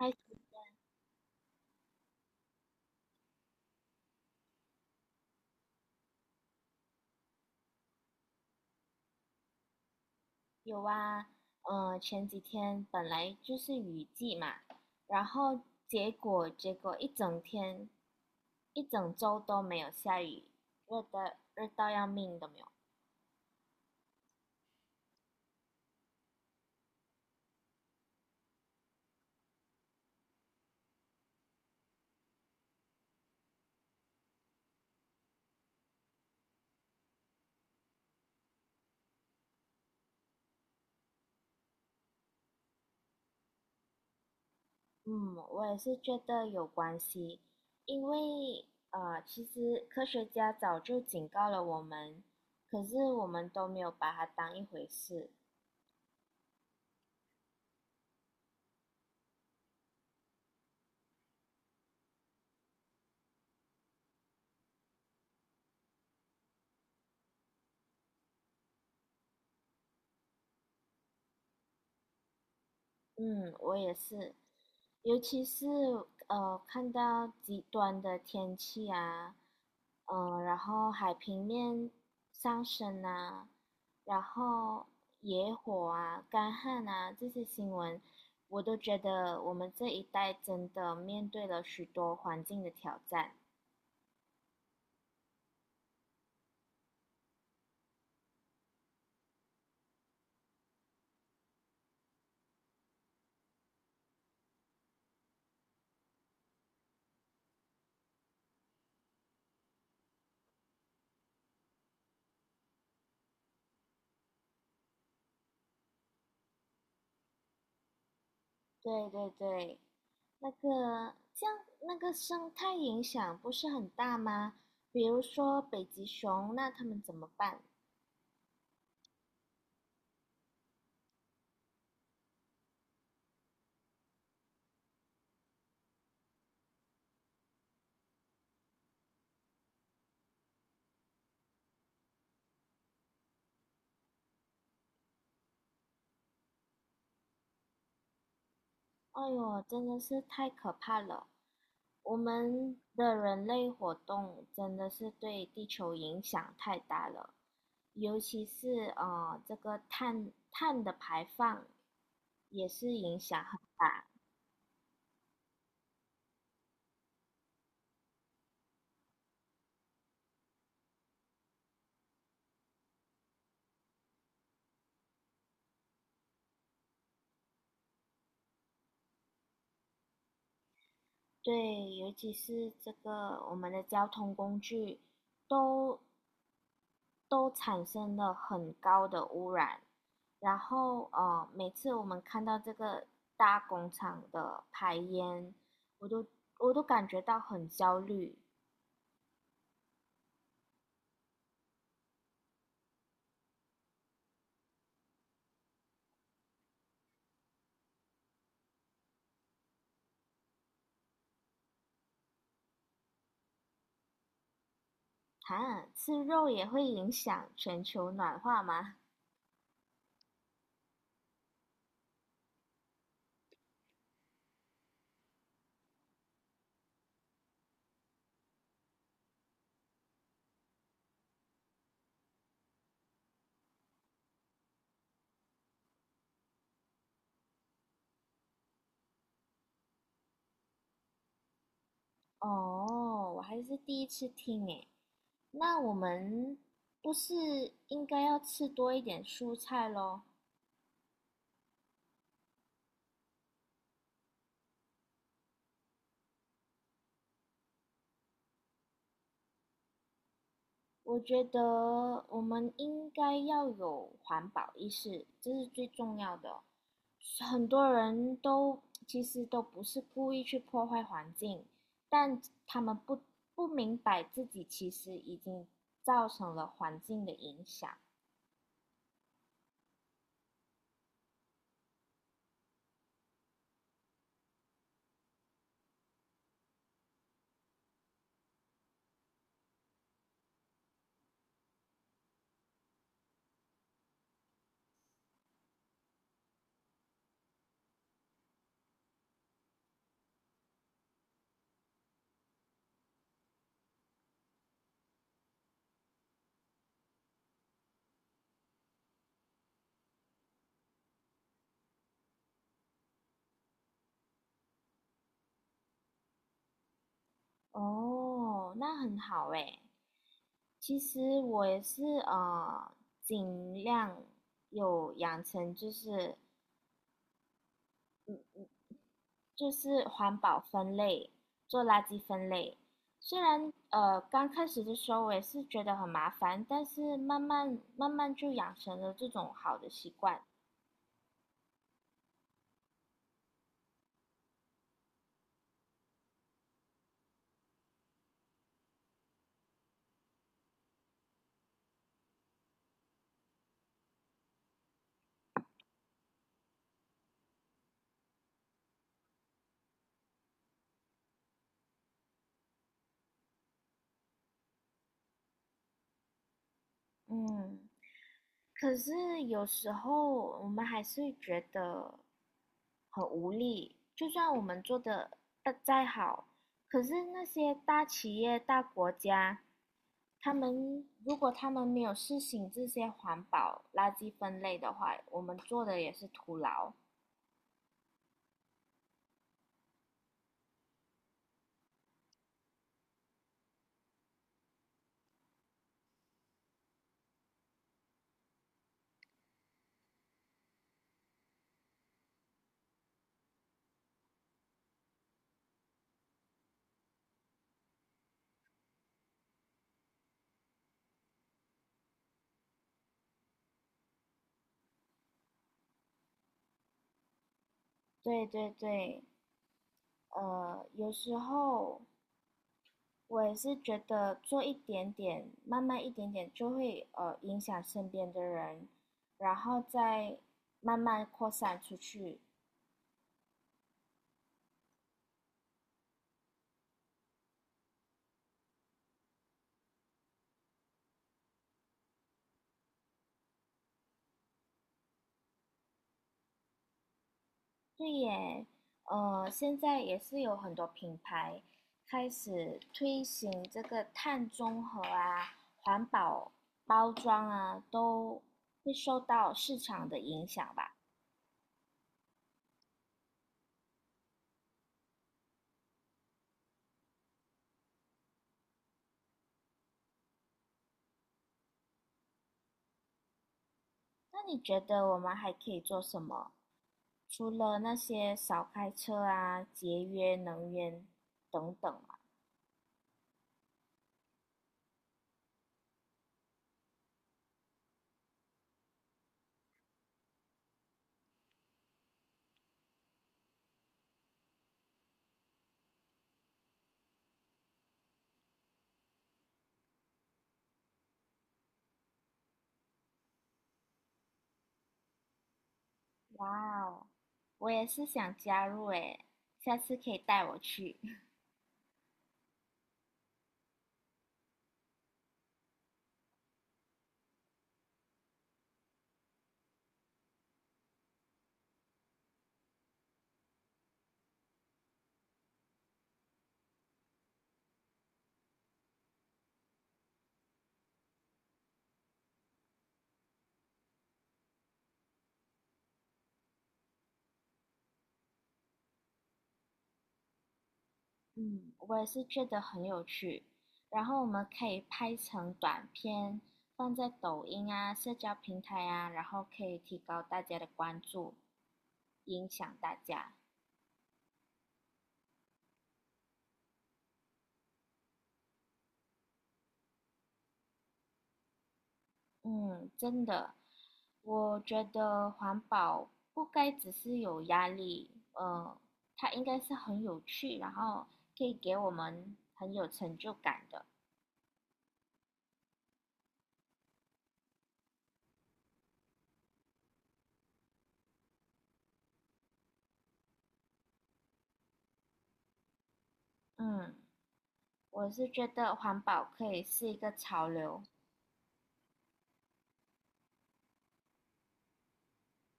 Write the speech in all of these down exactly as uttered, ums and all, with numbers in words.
还有啊，呃，前几天本来就是雨季嘛，然后结果结果一整天，一整周都没有下雨，热的热到要命都没有。嗯，我也是觉得有关系，因为呃，其实科学家早就警告了我们，可是我们都没有把它当一回事。嗯，我也是，尤其是呃，看到极端的天气啊，嗯、然后海平面上升啊，然后野火啊、干旱啊这些新闻，我都觉得我们这一代真的面对了许多环境的挑战。对对对，那个这样那个生态影响不是很大吗？比如说北极熊，那他们怎么办？哎呦，真的是太可怕了！我们的人类活动真的是对地球影响太大了，尤其是呃，这个碳碳的排放也是影响很大。对，尤其是这个我们的交通工具都都产生了很高的污染，然后呃，每次我们看到这个大工厂的排烟，我都我都感觉到很焦虑。哈，吃肉也会影响全球暖化吗？哦，我还是第一次听诶。那我们不是应该要吃多一点蔬菜咯？我觉得我们应该要有环保意识，这是最重要的。很多人都其实都不是故意去破坏环境，但他们不不明白自己其实已经造成了环境的影响。哦，那很好诶。其实我也是呃，尽量有养成就是就是环保分类，做垃圾分类。虽然呃刚开始的时候我也是觉得很麻烦，但是慢慢慢慢就养成了这种好的习惯。嗯，可是有时候我们还是会觉得很无力，就算我们做的再好，可是那些大企业、大国家，他们如果他们没有实行这些环保垃圾分类的话，我们做的也是徒劳。对对对，呃，有时候我也是觉得做一点点，慢慢一点点就会呃影响身边的人，然后再慢慢扩散出去。对耶，呃，现在也是有很多品牌开始推行这个碳中和啊、环保包装啊，都会受到市场的影响吧。那你觉得我们还可以做什么？除了那些少开车啊、节约能源等等嘛。哇哦，我也是想加入诶，下次可以带我去。嗯，我也是觉得很有趣。然后我们可以拍成短片，放在抖音啊、社交平台啊，然后可以提高大家的关注，影响大家。嗯，真的，我觉得环保不该只是有压力，呃，它应该是很有趣，然后可以给我们很有成就感的。嗯，我是觉得环保可以是一个潮流。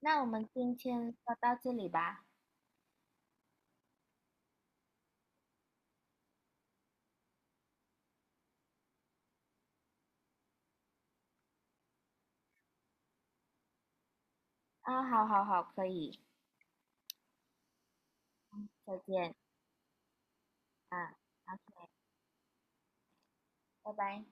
那我们今天就到这里吧。啊，好好好，可以，再见啊，好，拜拜。